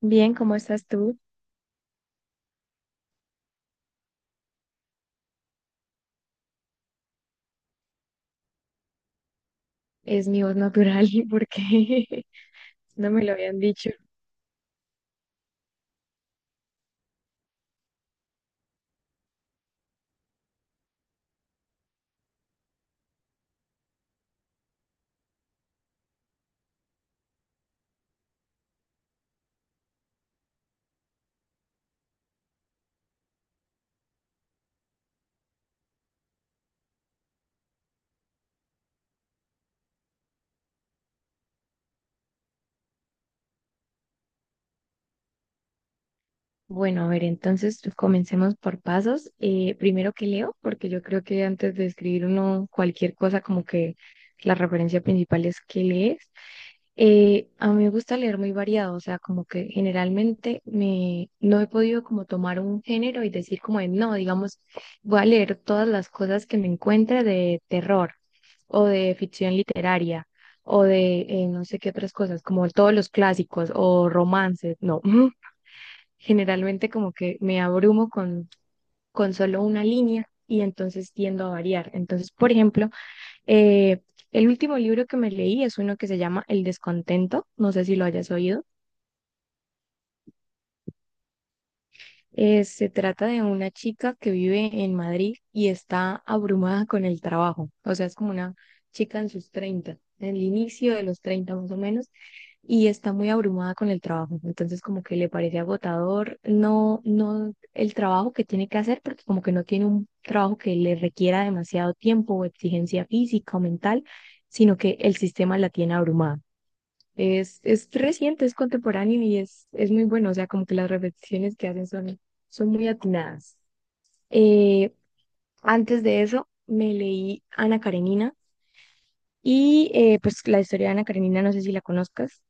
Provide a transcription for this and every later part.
Bien, ¿cómo estás tú? Es mi voz natural porque no me lo habían dicho. Bueno, a ver, entonces comencemos por pasos. Primero que leo, porque yo creo que antes de escribir uno cualquier cosa, como que la referencia principal es qué lees. A mí me gusta leer muy variado, o sea, como que generalmente me, no he podido como tomar un género y decir como de, no, digamos, voy a leer todas las cosas que me encuentre de terror o de ficción literaria o de no sé qué otras cosas, como todos los clásicos o romances, no. Generalmente como que me abrumo con solo una línea y entonces tiendo a variar. Entonces, por ejemplo, eh, el último libro que me leí es uno que se llama El descontento, no sé si lo hayas oído. Se trata de una chica que vive en Madrid y está abrumada con el trabajo. O sea, es como una chica en sus 30, en el inicio de los 30 más o menos, y está muy abrumada con el trabajo. Entonces, como que le parece agotador, no, no el trabajo que tiene que hacer, porque como que no tiene un trabajo que le requiera demasiado tiempo o exigencia física o mental, sino que el sistema la tiene abrumada. Es reciente, es contemporáneo y es muy bueno. O sea, como que las repeticiones que hacen son, son muy atinadas. Eh, Antes de eso, me leí Ana Karenina y pues la historia de Ana Karenina, no sé si la conozcas.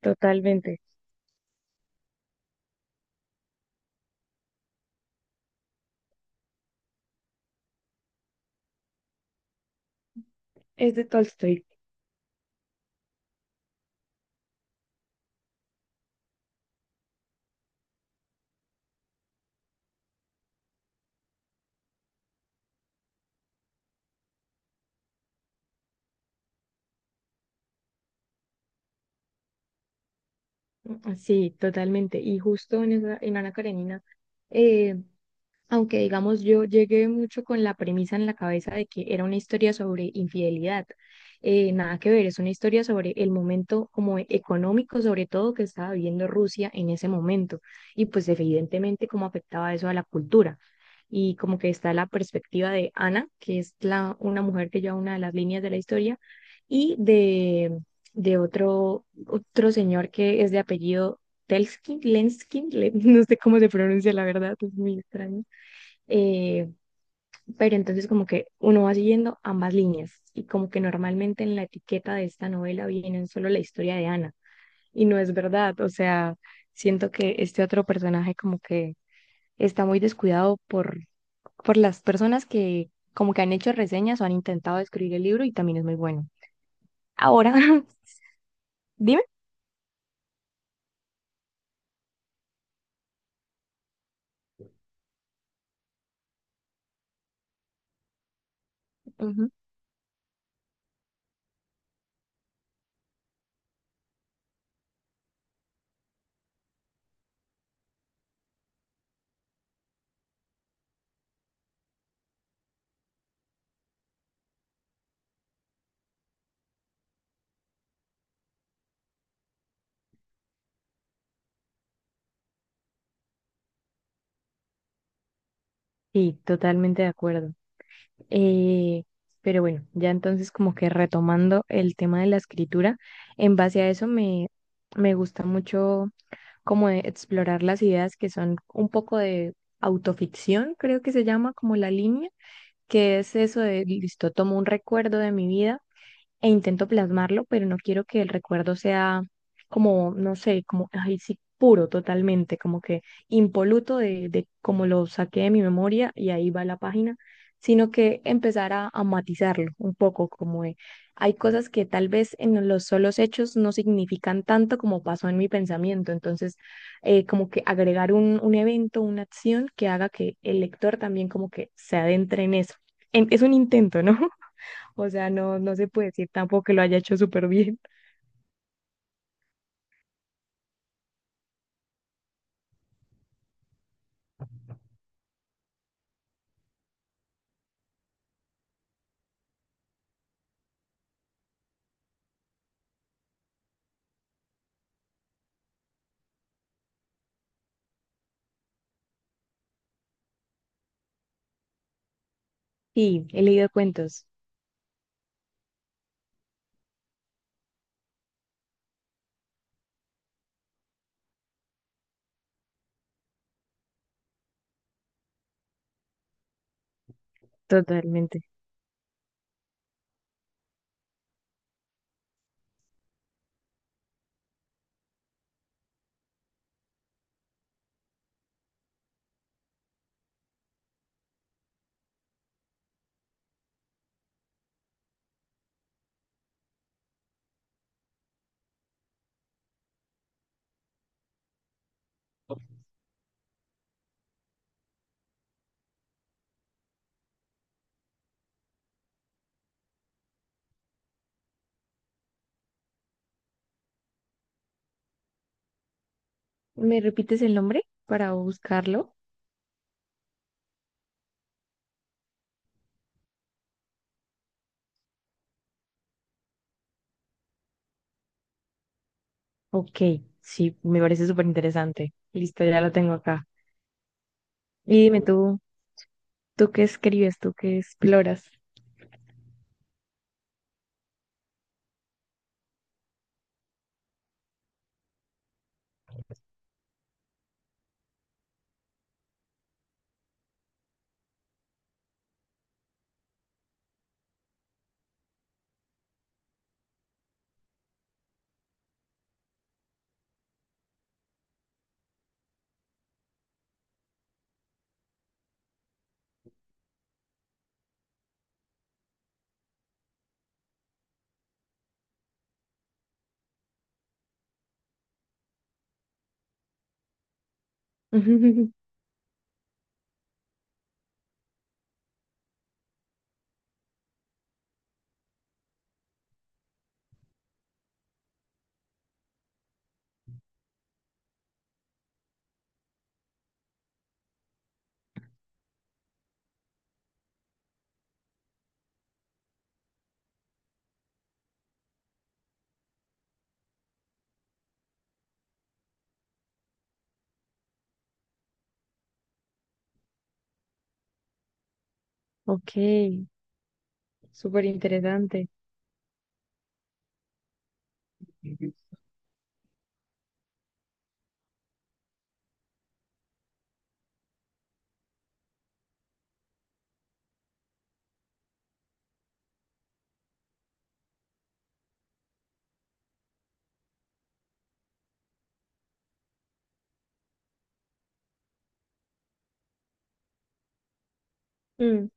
Totalmente. Es de Tolstoy. Sí, totalmente. Y justo en, en Ana Karenina eh, aunque digamos yo llegué mucho con la premisa en la cabeza de que era una historia sobre infidelidad. Nada que ver, es una historia sobre el momento como económico, sobre todo que estaba viviendo Rusia en ese momento y pues evidentemente cómo afectaba eso a la cultura. Y como que está la perspectiva de Ana, que es la, una mujer que lleva una de las líneas de la historia, y de otro señor que es de apellido Telskin, Lenskin, no sé cómo se pronuncia la verdad, es muy extraño eh, pero entonces como que uno va siguiendo ambas líneas y como que normalmente en la etiqueta de esta novela vienen solo la historia de Ana y no es verdad, o sea, siento que este otro personaje como que está muy descuidado por las personas que como que han hecho reseñas o han intentado escribir el libro y también es muy bueno. Ahora, dime. Ujú. Sí, totalmente de acuerdo. Eh, pero bueno, ya entonces como que retomando el tema de la escritura, en base a eso me, me gusta mucho como de explorar las ideas que son un poco de autoficción, creo que se llama como la línea, que es eso de, listo, tomo un recuerdo de mi vida e intento plasmarlo, pero no quiero que el recuerdo sea como, no sé, como, ay, sí, puro totalmente, como que impoluto de como lo saqué de mi memoria y ahí va la página, sino que empezar a matizarlo un poco, como de, hay cosas que tal vez en los solos hechos no significan tanto como pasó en mi pensamiento, entonces como que agregar un evento, una acción que haga que el lector también como que se adentre en eso. Es un intento, ¿no? O sea, no, no se puede decir tampoco que lo haya hecho súper bien. Sí, he leído cuentos, totalmente. ¿Me repites el nombre para buscarlo? Ok, sí, me parece súper interesante. Listo, ya lo tengo acá. Y dime tú, ¿tú qué escribes? ¿Tú qué exploras? Ok, súper interesante. Mm,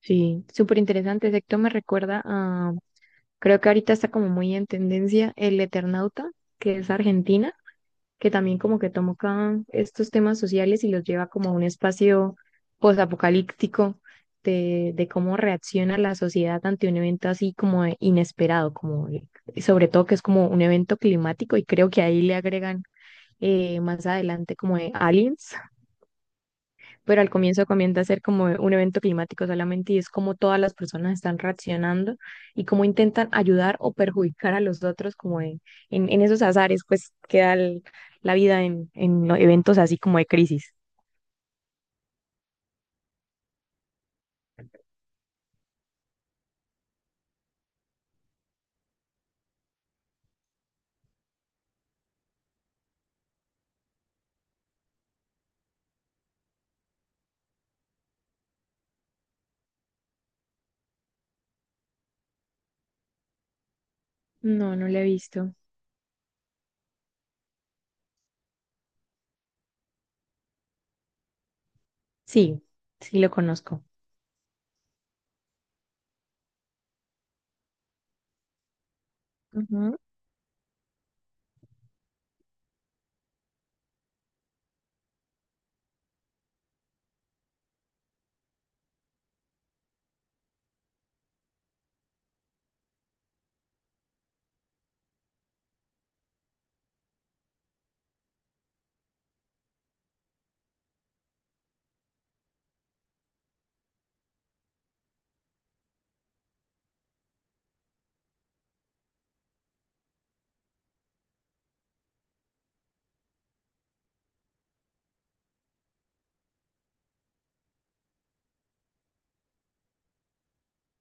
sí, súper interesante. Exacto, me recuerda a, creo que ahorita está como muy en tendencia El Eternauta, que es argentina. Que también como que toma acá estos temas sociales y los lleva como a un espacio posapocalíptico de cómo reacciona la sociedad ante un evento así como de inesperado, sobre todo que es como un evento climático y creo que ahí le agregan más adelante como de aliens, pero al comienzo comienza a ser como un evento climático solamente y es como todas las personas están reaccionando y cómo intentan ayudar o perjudicar a los otros como en, en esos azares, pues queda la vida en los eventos así como de crisis. No, no lo he visto. Sí, sí lo conozco.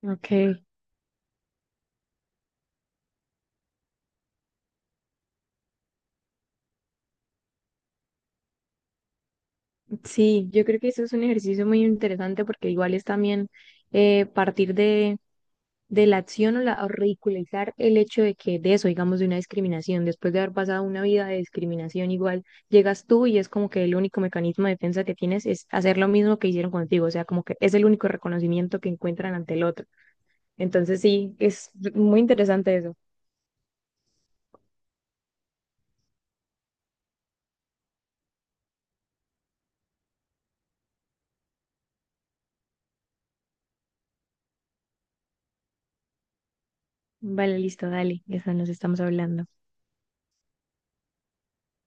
Ujú, ok, sí, yo creo que eso es un ejercicio muy interesante porque igual es también partir de la acción o, la, o ridiculizar el hecho de que de eso, digamos, de una discriminación, después de haber pasado una vida de discriminación igual, llegas tú y es como que el único mecanismo de defensa que tienes es hacer lo mismo que hicieron contigo, o sea, como que es el único reconocimiento que encuentran ante el otro. Entonces sí, es muy interesante eso. Vale, listo, dale, ya está, nos estamos hablando.